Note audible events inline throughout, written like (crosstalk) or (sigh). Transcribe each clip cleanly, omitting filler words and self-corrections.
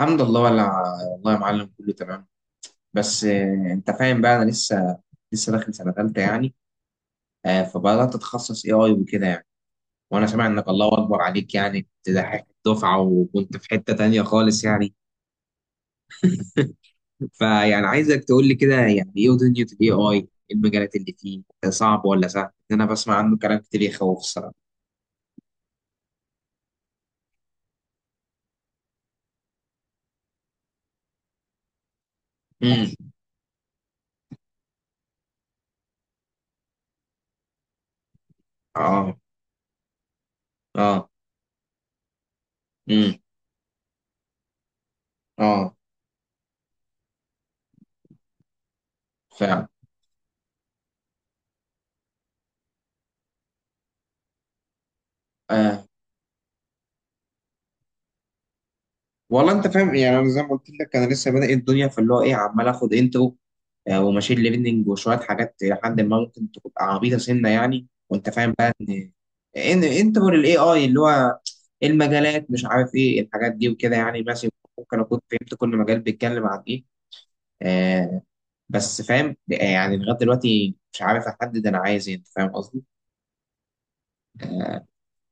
الحمد لله. والله يا معلم، كله تمام. بس انت فاهم بقى انا لسه داخل سنه ثالثه يعني. فبدات اتخصص AI وكده يعني. وانا سامع انك الله اكبر عليك، يعني تضحك الدفعه وكنت في حته تانية خالص يعني. فيعني عايزك تقول لي كده، يعني ايه دنيا الAI؟ المجالات اللي فيه صعب ولا سهل؟ ان انا بسمع عنه كلام كتير يخوف الصراحه. امم. اه. اه. امم. اه فعلا. آه، والله انت فاهم، يعني انا زي ما قلت لك انا لسه بادئ الدنيا، فاللي هو ايه، عمال اخد انترو وماشين ليرنينج وشويه حاجات لحد ما ممكن تبقى عبيطه سنه يعني. وانت فاهم بقى ان انترو للاي اي، اللي هو المجالات، مش عارف ايه الحاجات دي وكده يعني، ماشي. ممكن اكون فهمت كل مجال بيتكلم عن ايه. آه. بس فاهم، يعني لغايه دلوقتي مش عارف احدد انا عايز ايه، انت فاهم قصدي.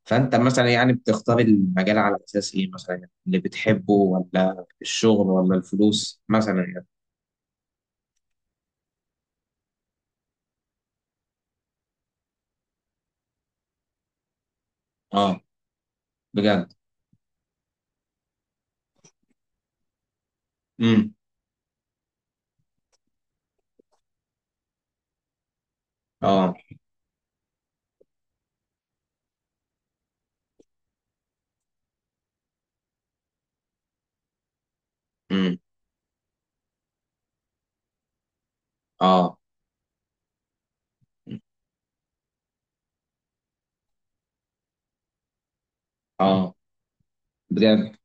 فانت مثلا يعني بتختار المجال على اساس ايه مثلا؟ اللي بتحبه ولا الشغل ولا الفلوس مثلا يعني؟ اه بجد. امم. اه. امم. اه. اه بجد.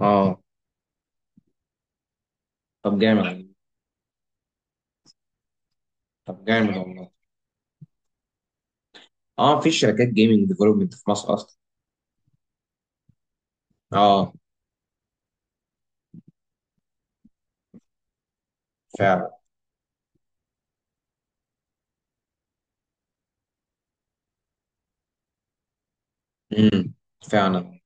اه. طب جامد. طب جامد والله. اه، في شركات جيمنج ديفلوبمنت في مصر اصلا؟ اه فعلا. امم. فعلا.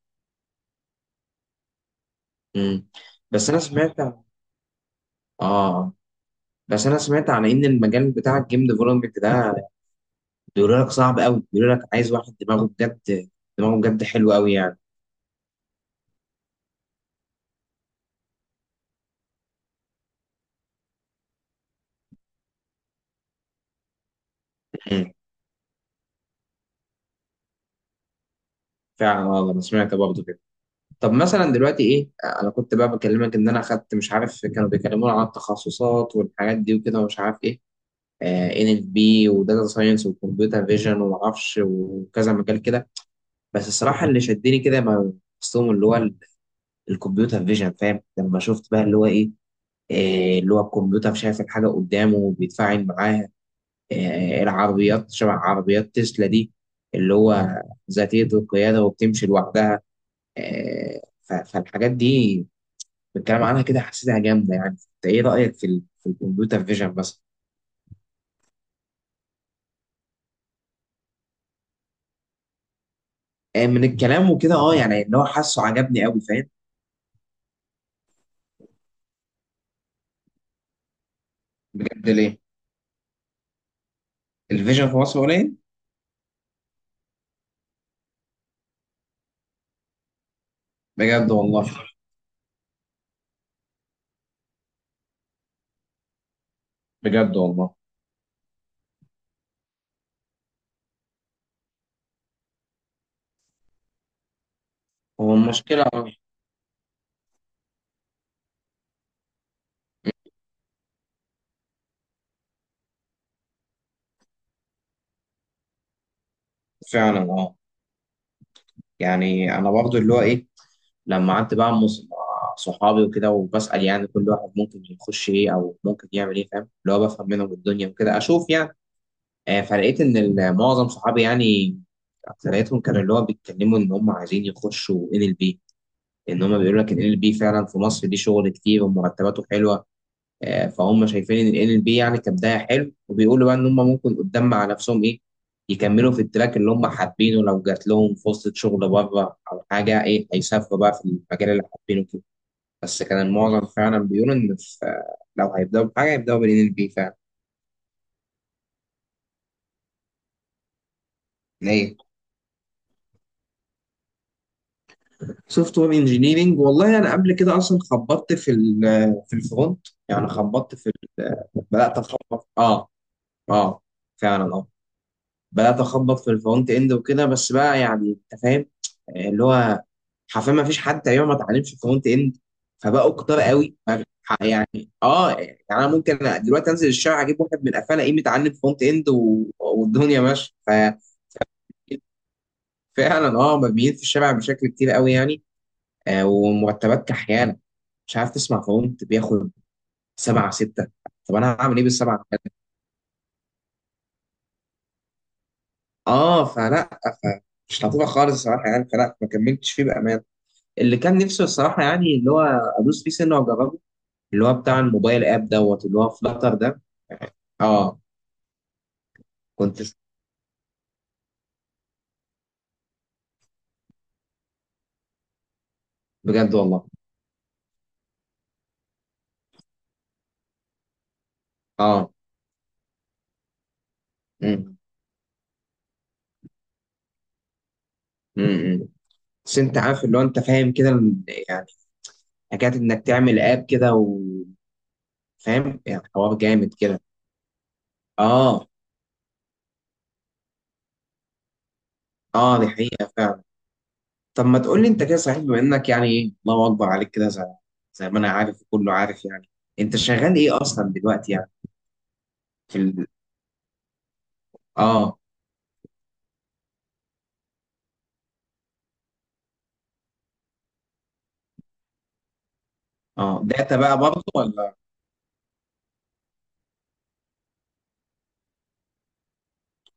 امم. بس انا سمعت اه بس انا سمعت عن ان المجال بتاع الجيم ديفلوبمنت ده بيقولوا لك صعب قوي، بيقولوا لك عايز واحد دماغه بجد، دماغه بجد حلو قوي يعني. امم. فعلا والله، انا سمعت برضه كده. طب مثلا دلوقتي ايه؟ انا كنت بقى بكلمك ان انا اخدت، مش عارف، كانوا بيكلمونا عن التخصصات والحاجات دي وكده، ومش عارف ايه، NLP وداتا ساينس وكمبيوتر فيجن ومعرفش وكذا مجال كده. بس الصراحه اللي شدني كده، ما قصتهم اللي هو الكمبيوتر فيجن، فاهم؟ لما شفت بقى اللي هو ايه، اللي هو الكمبيوتر شايف الحاجه قدامه وبيتفاعل معاها، العربيات شبه عربيات تسلا دي، اللي هو ذاتيه القياده وبتمشي لوحدها. فالحاجات دي بالكلام عنها كده حسيتها جامده يعني. انت ايه رايك في الكمبيوتر فيجن مثلا؟ من الكلام وكده اه، يعني اللي هو حاسه عجبني قوي، فاهم. بجد؟ ليه؟ الفيجن في مصر قليل؟ بجد والله. بجد والله. هو المشكله اه. فعلا اه. يعني انا برضو اللي هو ايه، لما قعدت بقى مع مع صحابي وكده وبسال يعني كل واحد ممكن يخش ايه او ممكن يعمل ايه، فاهم، اللي هو بفهم منهم الدنيا وكده اشوف يعني. فلقيت ان معظم صحابي، يعني اكثريتهم كانوا اللي هو بيتكلموا ان هم عايزين يخشوا NLP، ان هم بيقولوا لك ان ال بي فعلا في مصر دي شغل كتير ومرتباته حلوه. فهم شايفين ان ال بي يعني كبدايه حلو، وبيقولوا بقى ان هم ممكن قدام مع نفسهم ايه، يكملوا في التراك اللي هم حابينه، لو جات لهم فرصه شغل بره او حاجه ايه هيسافروا بقى في المجال اللي حابينه كده. بس كان المعظم فعلا بيقولوا ان في لو هيبداوا بحاجه هيبداوا بالان ال بي فعلا. ليه؟ سوفت وير انجينيرنج؟ والله انا قبل كده اصلا خبطت في الفرونت، يعني خبطت ال- بدات اخبط. اه. اه فعلا. اه. بدات اخبط في الفرونت اند وكده. بس بقى يعني انت فاهم، اللي هو حرفيا ما فيش حد تقريبا ما اتعلمش فرونت اند، فبقوا كتار قوي يعني. اه يعني انا ممكن دلوقتي انزل الشارع اجيب واحد من قفاه الاقيه متعلم فرونت اند والدنيا ماشيه. ففعلا اه، مرميين في الشارع بشكل كتير قوي يعني. آه، ومرتبات كحيانه مش عارف. تسمع فرونت بياخد سبعة ستة، طب انا هعمل ايه بالسبعة؟ اه فلا، فمش لطيفه خالص الصراحه يعني، فلا ما كملتش فيه بامان. اللي كان نفسه الصراحة، يعني اللي هو أدوس فيه سنة وأجربه، اللي هو بتاع الموبايل آب دوت، اللي هو فلاتر ده. أه. كنت س- بجد والله. أه. أمم، أمم، أمم. بس أنت عارف اللي هو أنت فاهم كده يعني حكاية إنك تعمل آب كده وفاهم، يعني حوار جامد كده. أه. أه دي حقيقة فعلا. طب ما تقول لي أنت كده، صحيح، بما إنك يعني إيه الله أكبر عليك كده، زي ما أنا عارف وكله عارف يعني، أنت شغال إيه أصلا دلوقتي يعني؟ في ال... أه. أه، داتا بقى برضه ولا؟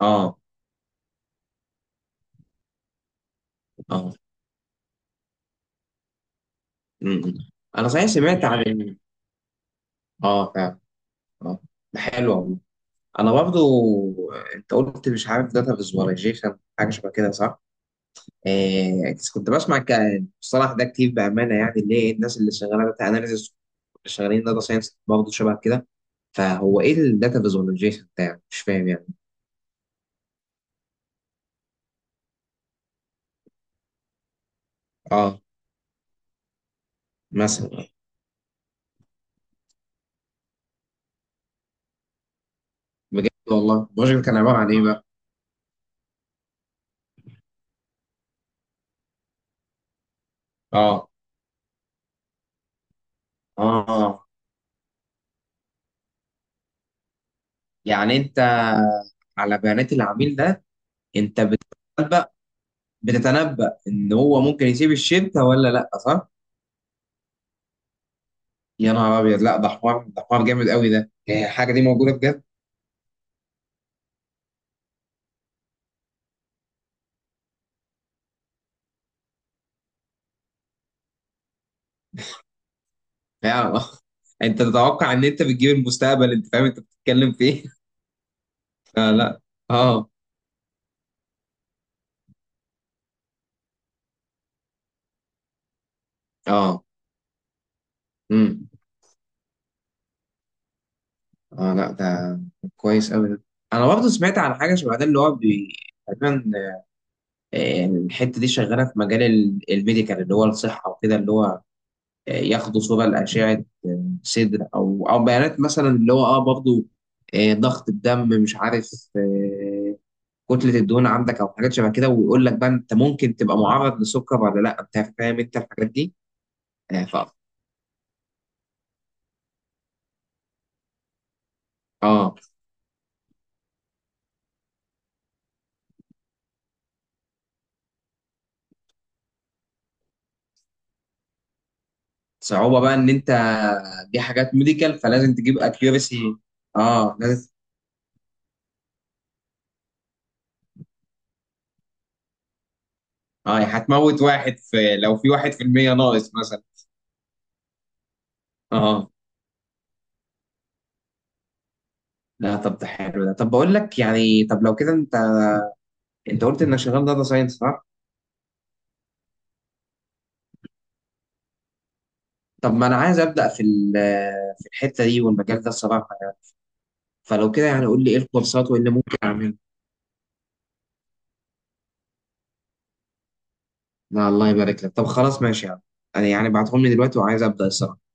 أه. أه امم. انا صحيح سمعت عن اه فعلا. اه، ده حلو والله. انا برضو، انت قلت مش عارف داتا فيزواليزيشن حاجه شبه كده، صح؟ آه كنت بسمع ك- الصراحه ده كتير بامانه يعني، اللي هي الناس اللي شغاله داتا اناليسيس شغالين داتا ساينس برضه شبه كده. فهو ايه الداتا فيزواليزيشن ده يعني؟ مش فاهم يعني. اه مثلا. بجد والله، البروجكت كان عباره عن ايه بقى؟ اه. اه، يعني انت على بيانات العميل ده، انت بتتنبأ ان هو ممكن يسيب الشتا ولا لا، صح؟ يا نهار ابيض، لا، ده حوار جامد قوي ده، هي الحاجه دي موجوده بجد؟ يا الله. (laughs) انت تتوقع ان انت بتجيب المستقبل؟ انت فاهم انت بتتكلم في ايه؟ (laughs) آه. لا. اه. اه. امم. اه لا، ده كويس قوي ده. انا برضه سمعت عن حاجه شبه ده، اللي هو تقريبا. الحته دي شغاله في مجال الميديكال اللي هو الصحه وكده، اللي هو ياخدوا صوره لاشعه صدر، او بيانات مثلا اللي هو اه برضه آه ضغط الدم مش عارف آه كتله الدهون عندك او حاجات شبه كده، ويقول لك بقى انت ممكن تبقى معرض لسكر ولا لا، انت فاهم انت الحاجات دي. آه ف اه صعوبه بقى ان انت، دي حاجات ميديكال فلازم تجيب اكيورسي. اه لازم. اه يعني هتموت واحد، لو في 1% ناقص مثلا. اه. آه. لا طب ده حلو ده. طب بقول لك، يعني طب لو كده انت قلت انك شغال داتا ساينس، صح؟ طب ما انا عايز ابدا في الحته دي والمجال ده الصراحه يعني. فلو كده يعني قول لي ايه الكورسات وايه اللي ممكن اعمله. لا الله يبارك لك. طب خلاص ماشي يعني، انا يعني بعتهم لي دلوقتي وعايز ابدا الصراحه.